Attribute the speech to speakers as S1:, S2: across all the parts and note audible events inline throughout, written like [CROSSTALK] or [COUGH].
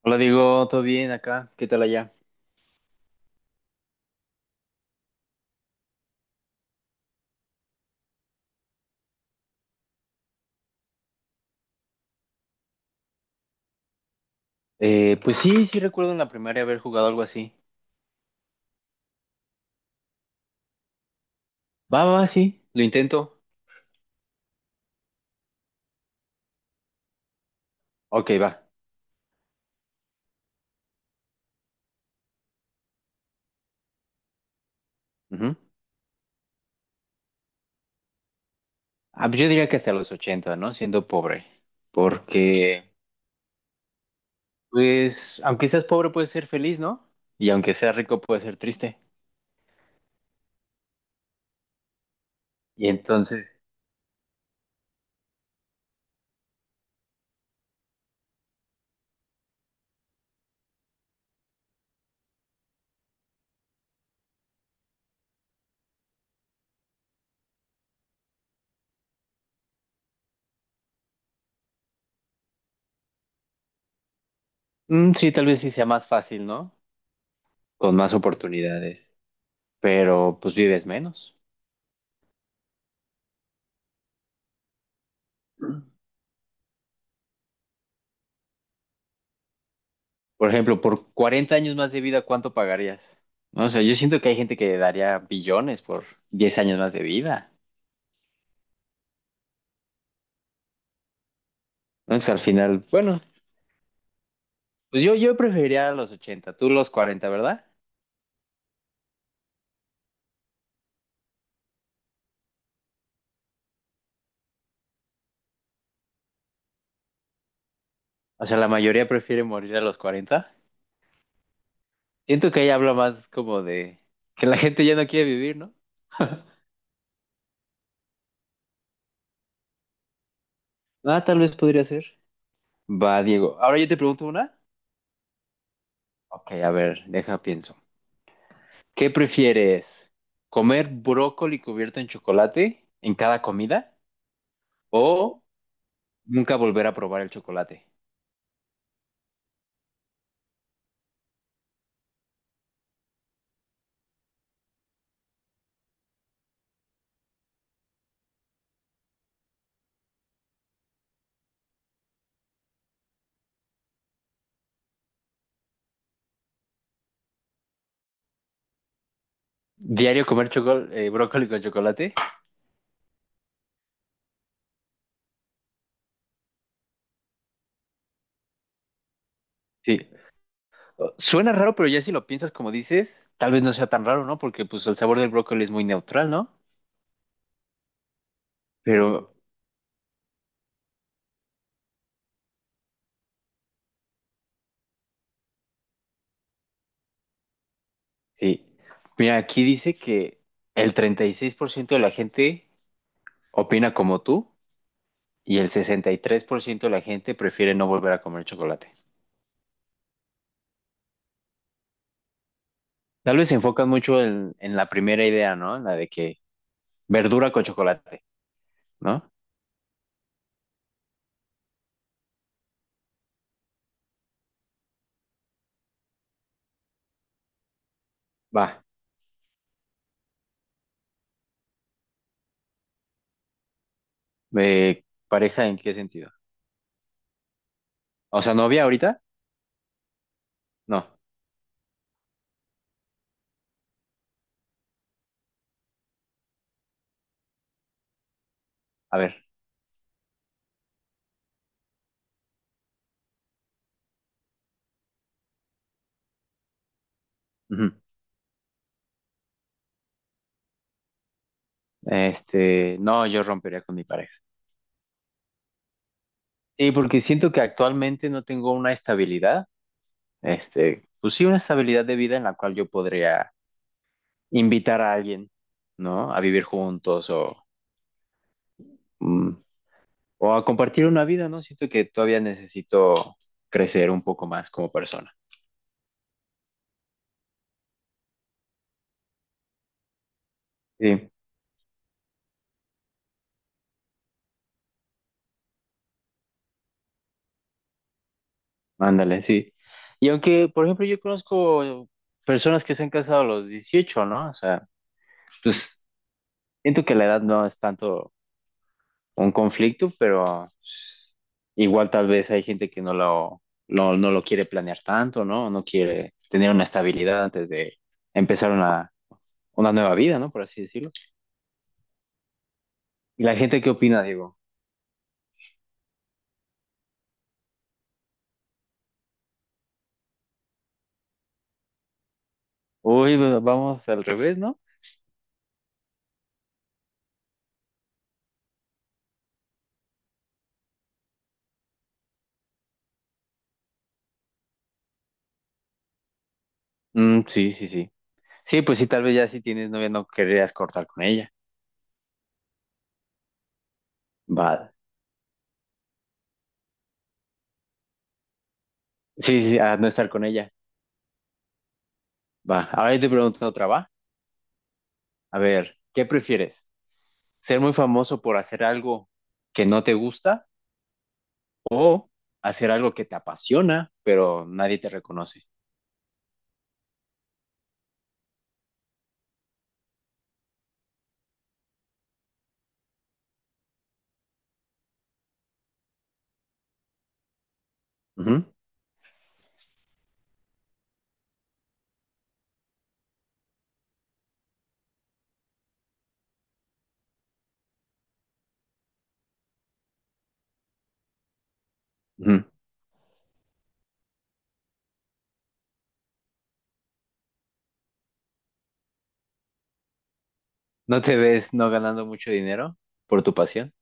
S1: Hola, digo, ¿todo bien acá? ¿Qué tal allá? Pues sí, sí recuerdo en la primaria haber jugado algo así. Va, va, va, sí, lo intento. Ok, va. Ujú. Ah, pues yo diría que hasta los 80, ¿no? Siendo pobre. Porque, pues, aunque seas pobre puedes ser feliz, ¿no? Y aunque seas rico puedes ser triste. Y entonces, sí, tal vez sí sea más fácil, ¿no? Con más oportunidades. Pero, pues vives menos. Por ejemplo, por 40 años más de vida, ¿cuánto pagarías? No, o sea, yo siento que hay gente que daría billones por 10 años más de vida. Entonces, al final, bueno, pues yo preferiría a los 80, tú los 40, ¿verdad? O sea, la mayoría prefiere morir a los 40. Siento que ahí habla más como de que la gente ya no quiere vivir, ¿no? Ah, tal vez podría ser. Va, Diego. Ahora yo te pregunto una. Ok, a ver, deja, pienso. ¿Qué prefieres? ¿Comer brócoli cubierto en chocolate en cada comida? ¿O nunca volver a probar el chocolate? Diario comer brócoli con chocolate. Sí. Suena raro, pero ya si lo piensas como dices, tal vez no sea tan raro, ¿no? Porque pues el sabor del brócoli es muy neutral, ¿no? Pero sí. Mira, aquí dice que el 36% de la gente opina como tú y el 63% de la gente prefiere no volver a comer chocolate. Tal vez se enfocan mucho en la primera idea, ¿no? En la de que verdura con chocolate, ¿no? Va. Eh, ¿Pareja en qué sentido? O sea, novia ahorita, no, a ver. Ujú. Este, no, yo rompería con mi pareja. Sí, porque siento que actualmente no tengo una estabilidad, este, pues sí, una estabilidad de vida en la cual yo podría invitar a alguien, ¿no? A vivir juntos o, mm, o a compartir una vida, ¿no? Siento que todavía necesito crecer un poco más como persona. Sí, ándale, sí. Y aunque, por ejemplo, yo conozco personas que se han casado a los 18, ¿no? O sea, pues siento que la edad no es tanto un conflicto, pero igual tal vez hay gente que no lo quiere planear tanto, ¿no? No quiere tener una estabilidad antes de empezar una nueva vida, ¿no? Por así decirlo. ¿Y la gente qué opina, Digo? Uy, pues, vamos al revés, ¿no? Mm, sí, sí, sí. Sí, pues sí, tal vez ya si tienes novia no querrías cortar con ella. Va. Sí, sí, sí, a no estar con ella. Va. Ahora yo te pregunto otra, ¿va? A ver, ¿qué prefieres? ¿Ser muy famoso por hacer algo que no te gusta? O hacer algo que te apasiona, pero nadie te reconoce. Ujú, ujú. ¿No te ves no ganando mucho dinero por tu pasión?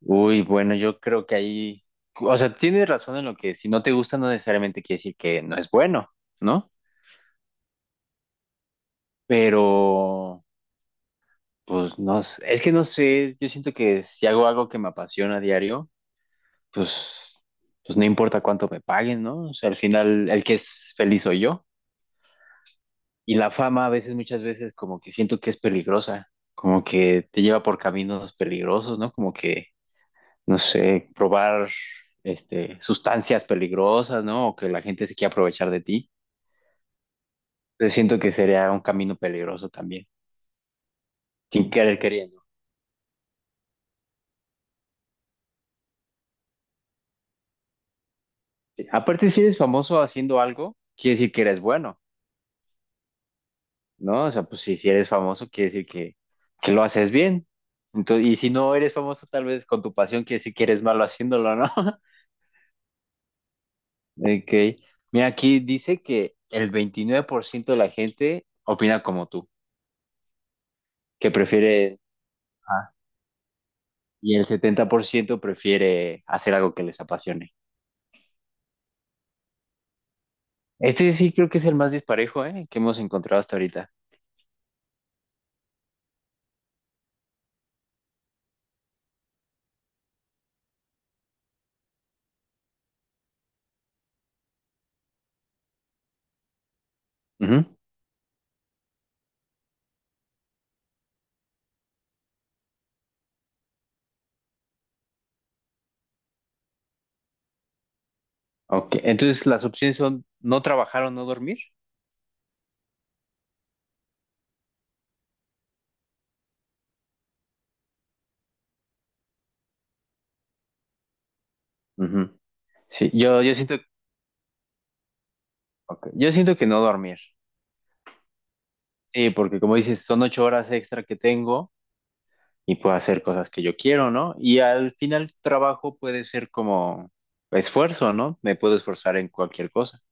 S1: Uy, bueno, yo creo que ahí, o sea, tienes razón en lo que si no te gusta no necesariamente quiere decir que no es bueno, ¿no? Pero, pues no sé, es que no sé, yo siento que si hago algo que me apasiona a diario, pues, pues no importa cuánto me paguen, ¿no? O sea, al final el que es feliz soy yo. Y la fama a veces, muchas veces, como que siento que es peligrosa, como que te lleva por caminos peligrosos, ¿no? Como que, no sé, probar este, sustancias peligrosas, ¿no? O que la gente se quiera aprovechar de ti. Entonces siento que sería un camino peligroso también, sin querer queriendo. Aparte, si eres famoso haciendo algo, quiere decir que eres bueno, ¿no? O sea, pues si eres famoso, quiere decir que lo haces bien. Entonces, y si no eres famoso, tal vez con tu pasión, quiere decir que eres malo haciéndolo, ¿no? [LAUGHS] Ok. Mira, aquí dice que el 29% de la gente opina como tú, que prefiere, ah, y el 70% prefiere hacer algo que les apasione. Este sí creo que es el más disparejo, ¿eh? Que hemos encontrado hasta ahorita. Ujú. Ok, entonces las opciones son no trabajar o no dormir. Ujú. Sí, yo siento, ok, yo siento que no dormir. Sí, porque como dices, son 8 horas extra que tengo. Y puedo hacer cosas que yo quiero, ¿no? Y al final trabajo puede ser como esfuerzo, ¿no? Me puedo esforzar en cualquier cosa.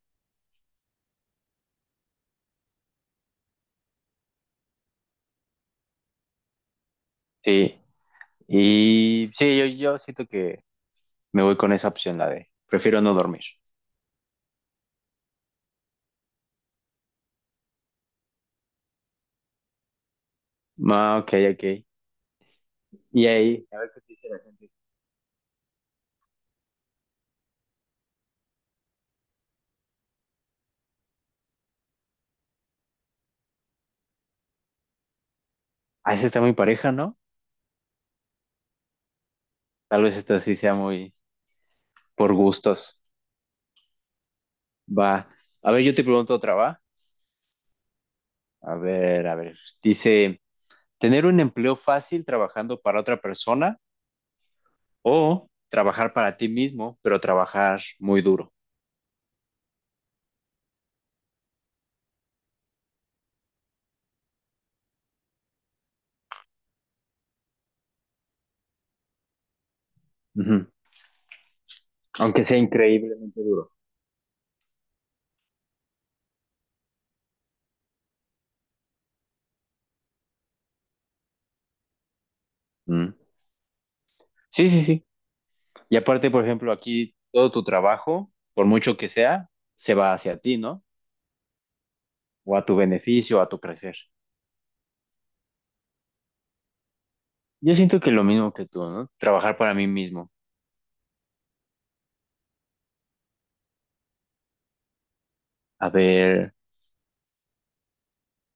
S1: Sí, y sí, yo siento que me voy con esa opción, la de prefiero no dormir. Ah, ok, ok. Y ahí, a ver qué dice la gente. Ah, esa está muy pareja, ¿no? Tal vez esta sí sea muy por gustos. Va. A ver, yo te pregunto otra, ¿va? A ver, a ver. Dice, ¿tener un empleo fácil trabajando para otra persona? O trabajar para ti mismo, pero trabajar muy duro. Ujú. Aunque sea increíblemente duro. Mm. Sí, sí, sí. Y aparte, por ejemplo, aquí todo tu trabajo, por mucho que sea, se va hacia ti, ¿no? O a tu beneficio, a tu crecer. Yo siento que lo mismo que tú, ¿no? Trabajar para mí mismo. A ver,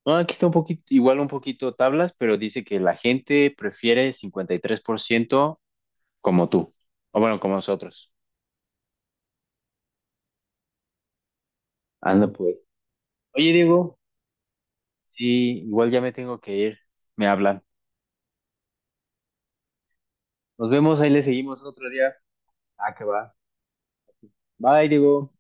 S1: no, aquí está un poquito, igual un poquito tablas, pero dice que la gente prefiere 53% como tú. O bueno, como nosotros. Anda pues. Oye, Diego. Sí, igual ya me tengo que ir. Me hablan. Nos vemos, ahí le seguimos otro día. Ah, que va. Bye, Diego.